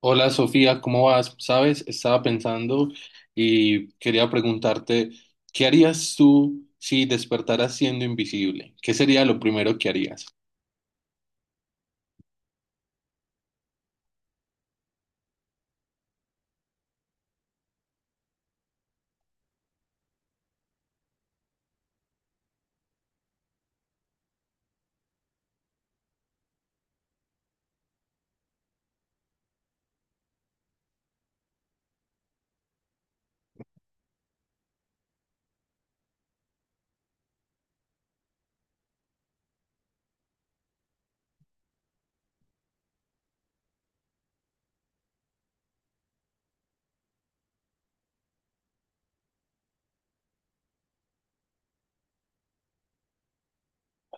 Hola Sofía, ¿cómo vas? Sabes, estaba pensando y quería preguntarte, ¿qué harías tú si despertaras siendo invisible? ¿Qué sería lo primero que harías?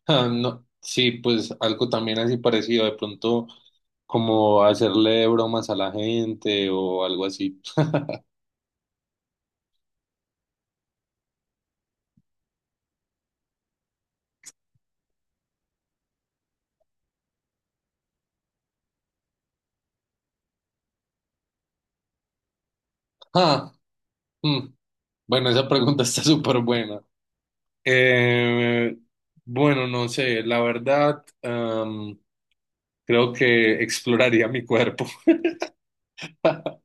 Ah, no, sí, pues algo también así parecido, de pronto como hacerle bromas a la gente o algo así. Ah, mm, bueno, esa pregunta está súper buena. Eh, bueno, no sé la verdad. Creo que exploraría mi cuerpo.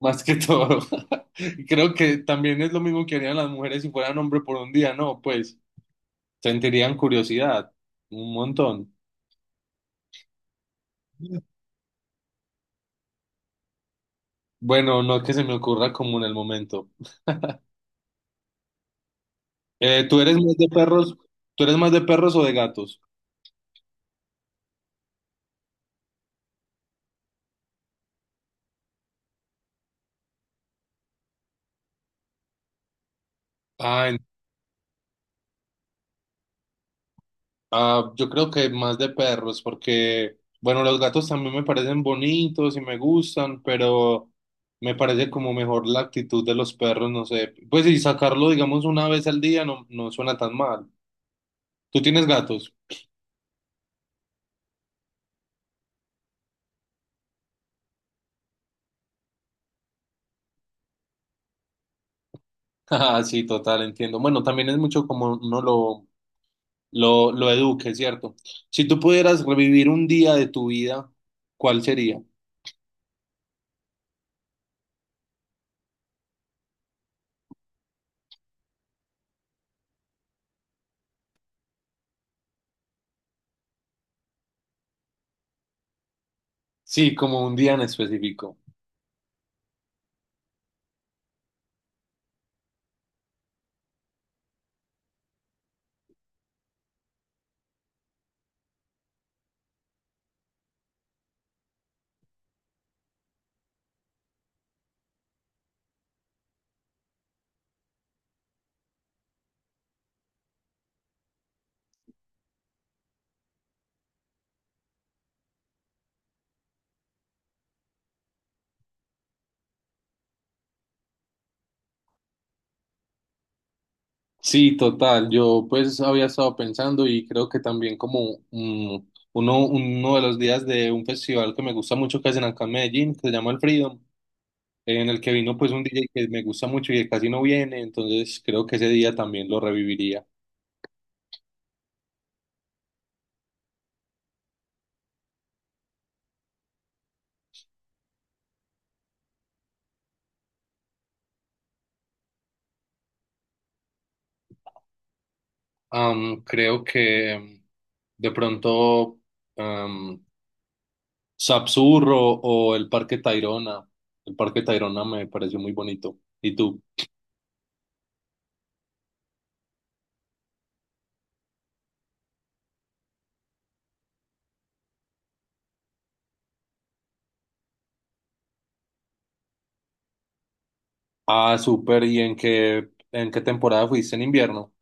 Más que todo. Creo que también es lo mismo que harían las mujeres si fueran hombre por un día, ¿no? Pues sentirían curiosidad, un montón. Bueno, no que se me ocurra como en el momento. ¿Tú eres más de perros? ¿Tú eres más de perros o de gatos? Ah, en- ah, yo creo que más de perros, porque, bueno, los gatos también me parecen bonitos y me gustan, pero me parece como mejor la actitud de los perros, no sé. Pues y sacarlo, digamos, una vez al día no, no suena tan mal. ¿Tú tienes gatos? Ah, sí, total, entiendo. Bueno, también es mucho como uno lo eduque, ¿cierto? Si tú pudieras revivir un día de tu vida, ¿cuál sería? Sí, como un día en específico. Sí, total. Yo pues había estado pensando y creo que también como uno de los días de un festival que me gusta mucho que hacen acá en Medellín, que se llama El Freedom, en el que vino pues un DJ que me gusta mucho y que casi no viene, entonces creo que ese día también lo reviviría. Creo que de pronto, am, Sapsurro o el Parque Tayrona. El Parque Tayrona me pareció muy bonito. ¿Y tú? Ah, súper. ¿Y en qué temporada fuiste, en invierno?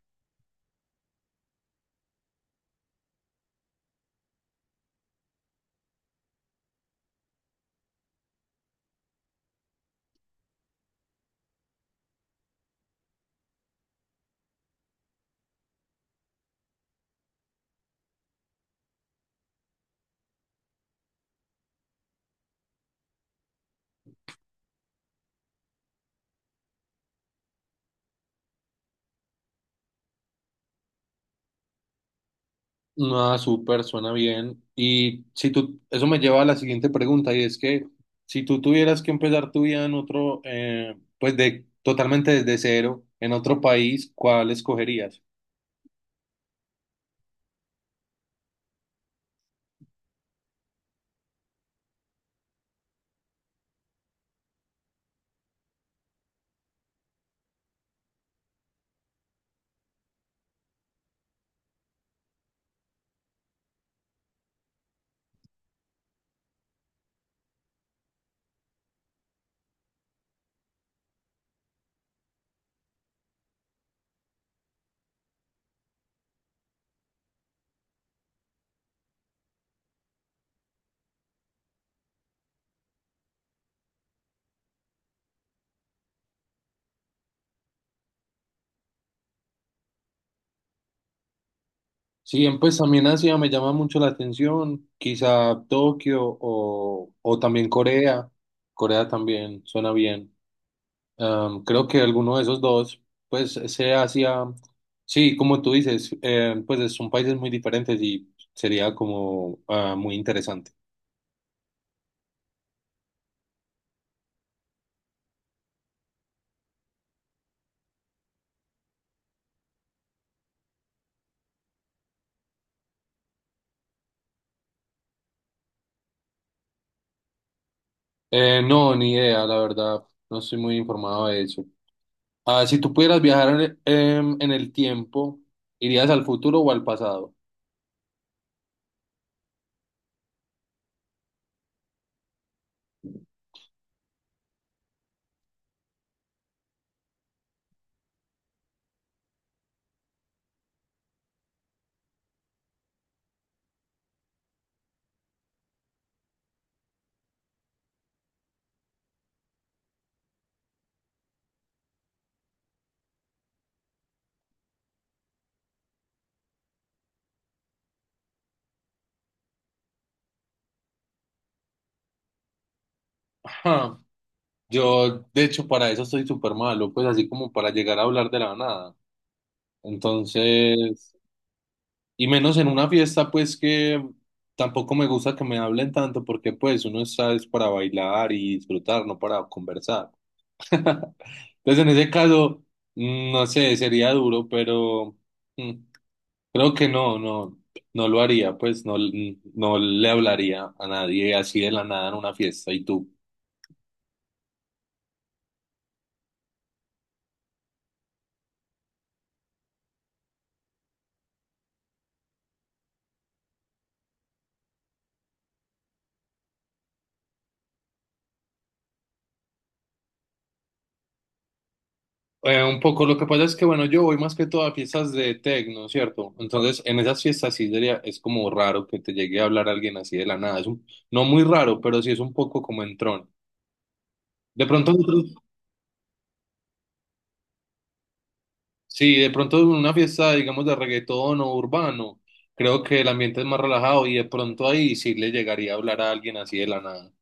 Ah, súper, suena bien. Y si tú, eso me lleva a la siguiente pregunta, y es que si tú tuvieras que empezar tu vida en otro, pues de totalmente desde cero, en otro país, ¿cuál escogerías? Sí, en- pues también Asia me llama mucho la atención, quizá Tokio o también Corea. Corea también suena bien. Creo que alguno de esos dos, pues ese Asia, sí, como tú dices, pues son países muy diferentes y sería como ah, muy interesante. No, ni idea, la verdad, no estoy muy informado de eso. Ah, si tú pudieras viajar en el en el tiempo, ¿irías al futuro o al pasado? Ajá. Yo, de hecho, para eso estoy súper malo, pues así como para llegar a hablar de la nada. Entonces, y menos en una fiesta, pues que tampoco me gusta que me hablen tanto, porque pues uno está es para bailar y disfrutar, no para conversar. Entonces, en ese caso, no sé, sería duro, pero mm, creo que no lo haría, pues no, no le hablaría a nadie así de la nada en una fiesta. ¿Y tú? Un poco, lo que pasa es que, bueno, yo voy más que todo a fiestas de tecno, ¿cierto? Entonces, en esas fiestas sí sería, es como raro que te llegue a hablar alguien así de la nada. Es un- no muy raro, pero sí es un poco como entrón. De pronto, nosotros- sí, de pronto en una fiesta, digamos, de reggaetón o urbano, creo que el ambiente es más relajado y de pronto ahí sí le llegaría a hablar a alguien así de la nada.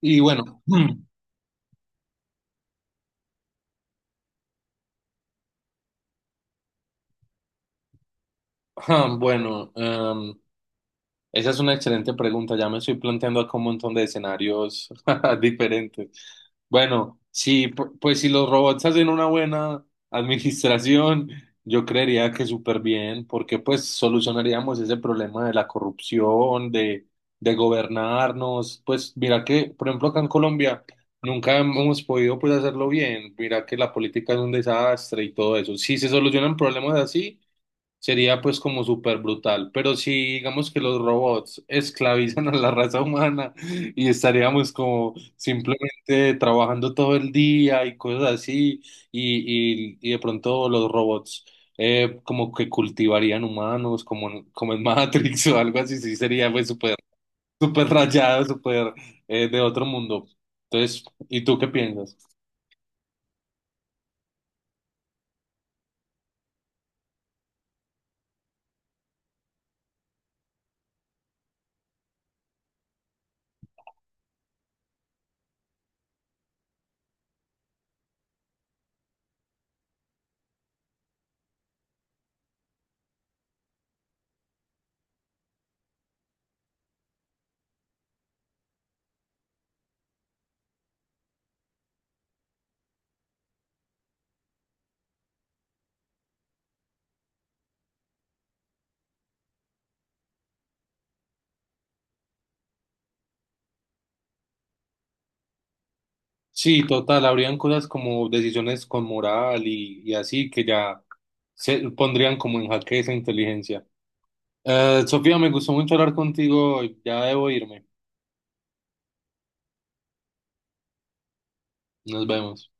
Y bueno, ah, bueno, esa es una excelente pregunta. Ya me estoy planteando acá un montón de escenarios diferentes. Bueno, sí, pues si los robots hacen una buena administración, yo creería que súper bien, porque pues solucionaríamos ese problema de la corrupción, de gobernarnos. Pues mira que, por ejemplo, acá en Colombia nunca hemos podido pues hacerlo bien. Mira que la política es un desastre y todo eso. Si se solucionan problemas así. Sería pues como súper brutal, pero si digamos que los robots esclavizan a la raza humana y estaríamos como simplemente trabajando todo el día y cosas así, y de pronto los robots como que cultivarían humanos como en, como en Matrix o algo así, sí sería pues súper súper rayado, súper de otro mundo. Entonces, ¿y tú qué piensas? Sí, total, habrían cosas como decisiones con moral y así que ya se pondrían como en jaque esa inteligencia. Sofía, me gustó mucho hablar contigo, ya debo irme, nos vemos.